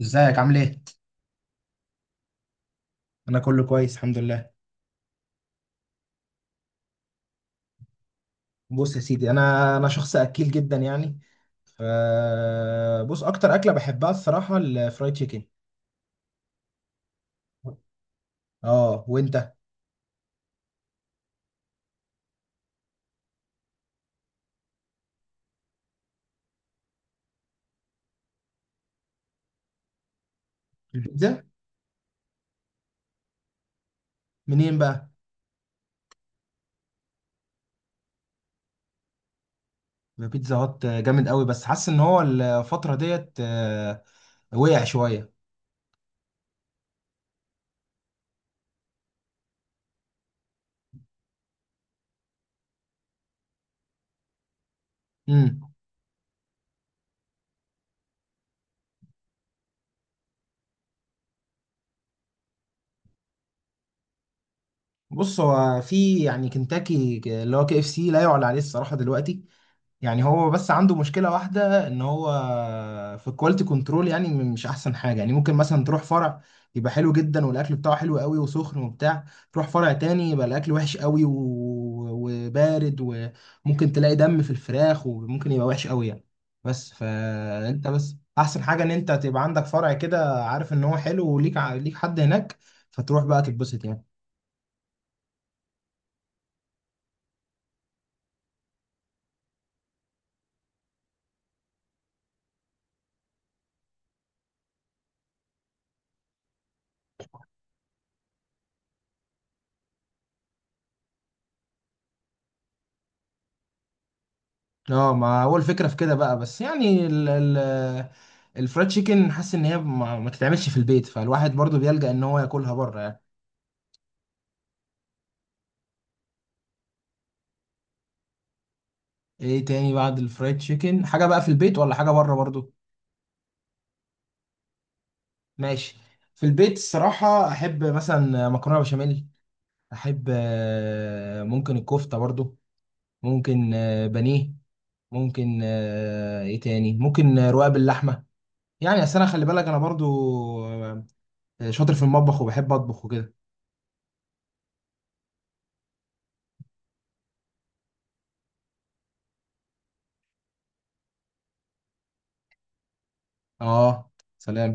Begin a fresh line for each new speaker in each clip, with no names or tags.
ازيك عامل ايه؟ انا كله كويس، الحمد لله. بص يا سيدي، انا شخص اكيل جدا يعني ف بص اكتر اكله بحبها الصراحه الفرايد تشيكن. اه وانت؟ البيتزا. منين بقى؟ بيتزا هات جامد قوي، بس حاسس ان هو الفتره ديت وقع شويه. امم. بص هو في يعني كنتاكي اللي هو KFC لا يعلى عليه الصراحه دلوقتي. يعني هو بس عنده مشكلة واحدة، ان هو في الكواليتي كنترول، يعني مش احسن حاجة. يعني ممكن مثلا تروح فرع يبقى حلو جدا والاكل بتاعه حلو قوي وسخن وبتاع، تروح فرع تاني يبقى الاكل وحش قوي، وبارد، وممكن تلاقي دم في الفراخ وممكن يبقى وحش قوي يعني. بس فانت بس احسن حاجة ان انت تبقى عندك فرع كده عارف ان هو حلو وليك ليك حد هناك، فتروح بقى تتبسط يعني. اه، ما هو الفكره في كده بقى، بس يعني ال الفرايد تشيكن حاسس ان هي ما تتعملش في البيت، فالواحد برضو بيلجأ ان هو ياكلها بره يعني. ايه تاني بعد الفرايد تشيكن؟ حاجه بقى في البيت ولا حاجه بره برضو؟ ماشي. في البيت الصراحه احب مثلا مكرونه بشاميل، احب ممكن الكفته برضو، ممكن بانيه، ممكن ايه تاني، ممكن رقاق باللحمه. يعني اصل انا خلي بالك انا برضو آه، شاطر في المطبخ وبحب اطبخ وكده. اه. سلام.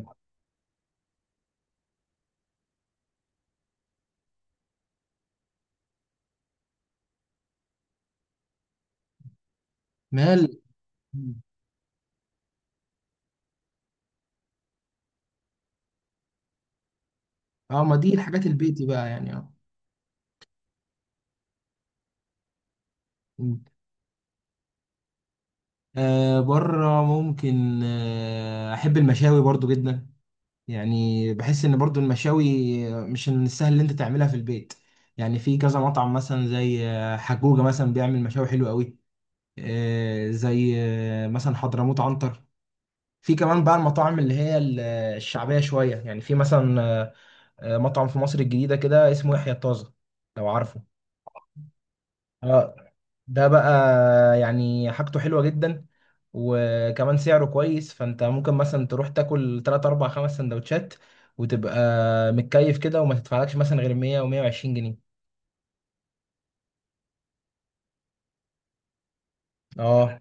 مال. مم. اه، ما دي الحاجات البيتي بقى يعني، اه. مم. بره ممكن احب المشاوي برضو جدا. يعني بحس ان برضو المشاوي مش من السهل اللي انت تعملها في البيت. يعني في كذا مطعم مثلا زي حجوجة مثلا بيعمل مشاوي حلوة قوي، زي مثلا حضرموت عنتر. في كمان بقى المطاعم اللي هي الشعبية شوية يعني، في مثلا مطعم في مصر الجديدة كده اسمه يحيى الطازة، لو عارفه. اه. ده بقى يعني حاجته حلوة جدا، وكمان سعره كويس، فانت ممكن مثلا تروح تاكل 3 4 5 سندوتشات وتبقى متكيف كده، وما تدفعلكش مثلا غير 100 و120 جنيه. اه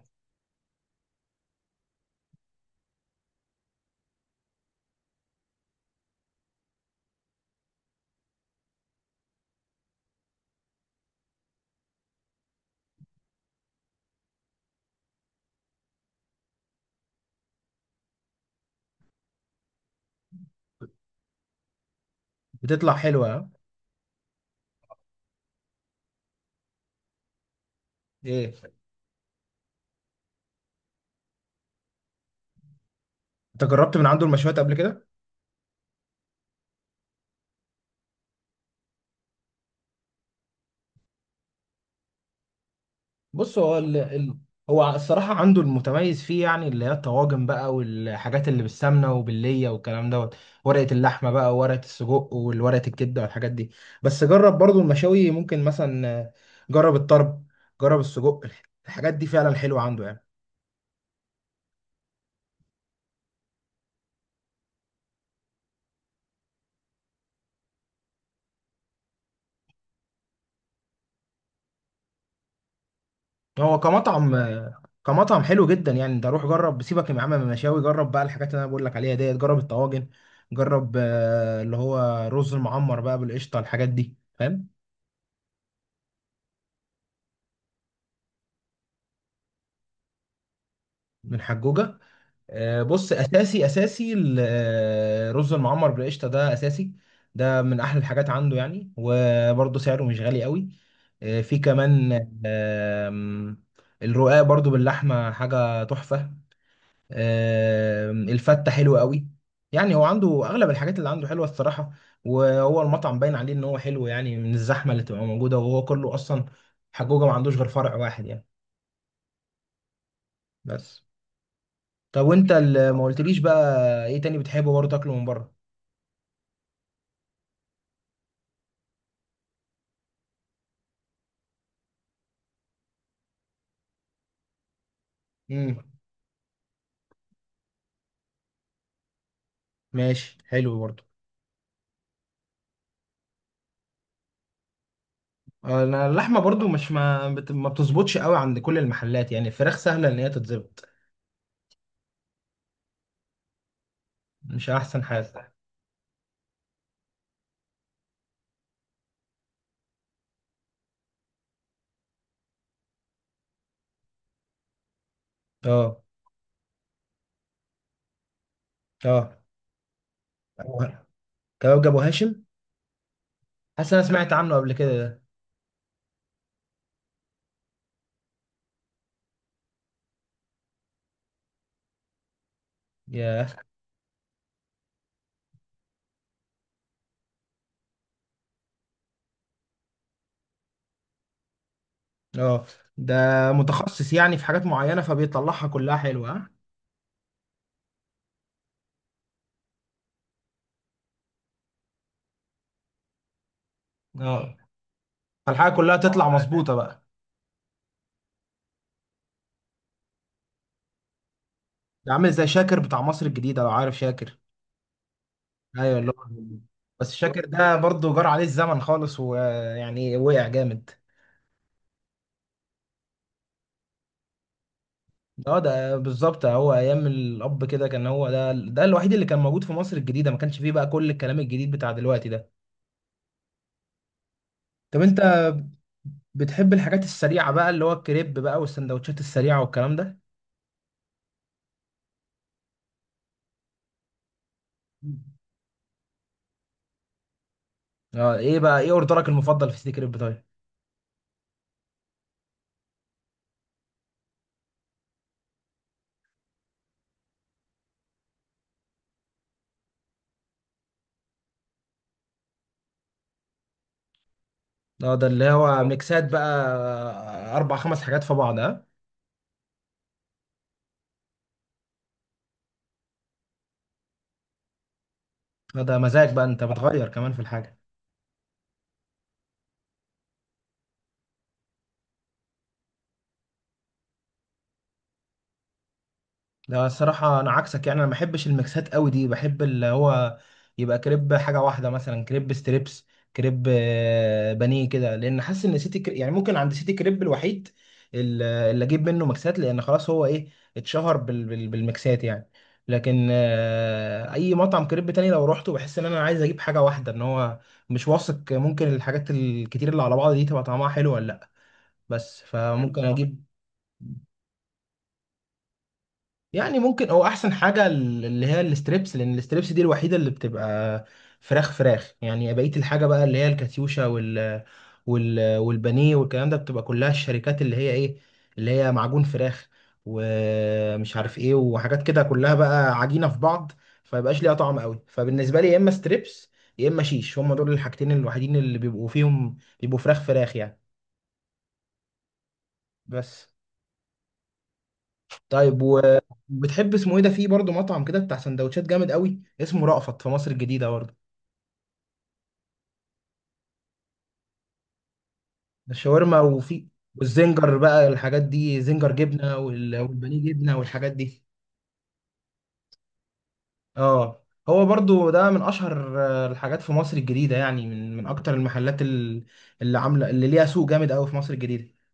بتطلع حلوة ها؟ ايه؟ انت جربت من عنده المشويات قبل كده؟ بص هو هو الصراحة عنده المتميز فيه يعني اللي هي الطواجن بقى، والحاجات اللي بالسمنة وباللية والكلام دوت، ورقة اللحمة بقى، وورقة السجق، والورقة الكبدة، والحاجات دي. بس جرب برضو المشاوي، ممكن مثلا جرب الطرب، جرب السجق، الحاجات دي فعلا حلوة عنده يعني. هو كمطعم حلو جدا يعني. ده روح جرب، سيبك يا عم من المشاوي، جرب بقى الحاجات اللي انا بقول لك عليها ديت، جرب الطواجن، جرب اللي هو رز المعمر بقى بالقشطة، الحاجات دي فاهم؟ من حجوجة. بص، اساسي اساسي رز المعمر بالقشطه ده اساسي. ده من احلى الحاجات عنده يعني، وبرده سعره مش غالي قوي. في كمان. آم، الرقاق برده باللحمه حاجه تحفه. الفته حلوه قوي. يعني هو عنده اغلب الحاجات اللي عنده حلوه الصراحه. وهو المطعم باين عليه ان هو حلو يعني، من الزحمه اللي تبقى موجوده، وهو كله اصلا حجوجه ما عندوش غير فرع واحد يعني، بس. طب وانت اللي ما قلتليش بقى، ايه تاني بتحبه برضه تاكله من بره؟ امم. ماشي، حلو برضو. انا اللحمه برضو مش ما بتظبطش قوي عند كل المحلات، يعني الفراخ سهله ان هي تتظبط، مش احسن حاجه. اه. اه أبو- كباب ابو هاشم. حاسس إن انا سمعت عنه قبل كده ده. ياه. اه. ده متخصص يعني في حاجات معينه فبيطلعها كلها حلوه ها. اه، فالحاجه كلها تطلع مظبوطه بقى. ده عامل زي شاكر بتاع مصر الجديده، لو عارف شاكر. ايوه اللي هو. بس شاكر ده برضو جرى عليه الزمن خالص، ويعني وقع جامد. اه، ده بالظبط، هو ايام الاب كده كان هو ده الوحيد اللي كان موجود في مصر الجديده، ما كانش فيه بقى كل الكلام الجديد بتاع دلوقتي ده. طب انت بتحب الحاجات السريعه بقى اللي هو الكريب بقى والسندوتشات السريعه والكلام ده؟ اه، ايه بقى، ايه اوردرك المفضل في سيتي كريب طيب؟ اه، ده اللي هو ميكسات بقى، اربع خمس حاجات في بعض اه. ده مزاج بقى، انت بتغير كمان في الحاجه. لا الصراحة، أنا عكسك يعني، أنا ما بحبش الميكسات قوي دي، بحب اللي هو يبقى كريب حاجة واحدة، مثلا كريب ستريبس، كريب بانيه كده، لأن حاسس إن سيتي كريب يعني، ممكن عند سيتي كريب الوحيد اللي أجيب منه ميكسات، لأن خلاص هو إيه، اتشهر بالميكسات يعني. لكن أي مطعم كريب تاني لو روحته بحس إن أنا عايز أجيب حاجة واحدة، إن هو مش واثق، ممكن الحاجات الكتير اللي على بعض دي تبقى طعمها حلو ولا لأ. بس ايوه. فممكن صح أجيب، يعني ممكن هو احسن حاجه اللي هي الستريبس، لان الستريبس دي الوحيده اللي بتبقى فراخ فراخ يعني. بقيه الحاجه بقى اللي هي الكاتيوشا وال والبانيه والكلام ده، بتبقى كلها الشركات اللي هي ايه، اللي هي معجون فراخ ومش عارف ايه وحاجات كده كلها بقى عجينه في بعض، فمبقاش ليها طعم قوي. فبالنسبه لي يا اما ستريبس يا اما شيش، هم دول الحاجتين الوحيدين اللي بيبقوا فيهم بيبقوا فراخ فراخ يعني. بس. طيب وبتحب اسمه ايه ده، في برضه مطعم كده بتاع سندوتشات جامد قوي اسمه رأفت في مصر الجديدة برضه. ده الشاورما، وفي والزنجر بقى الحاجات دي، زنجر جبنة والبانيه جبنة والحاجات دي. اه، هو برضه ده من اشهر الحاجات في مصر الجديدة يعني، من اكتر المحلات اللي عاملة اللي ليها سوق جامد قوي في مصر الجديدة.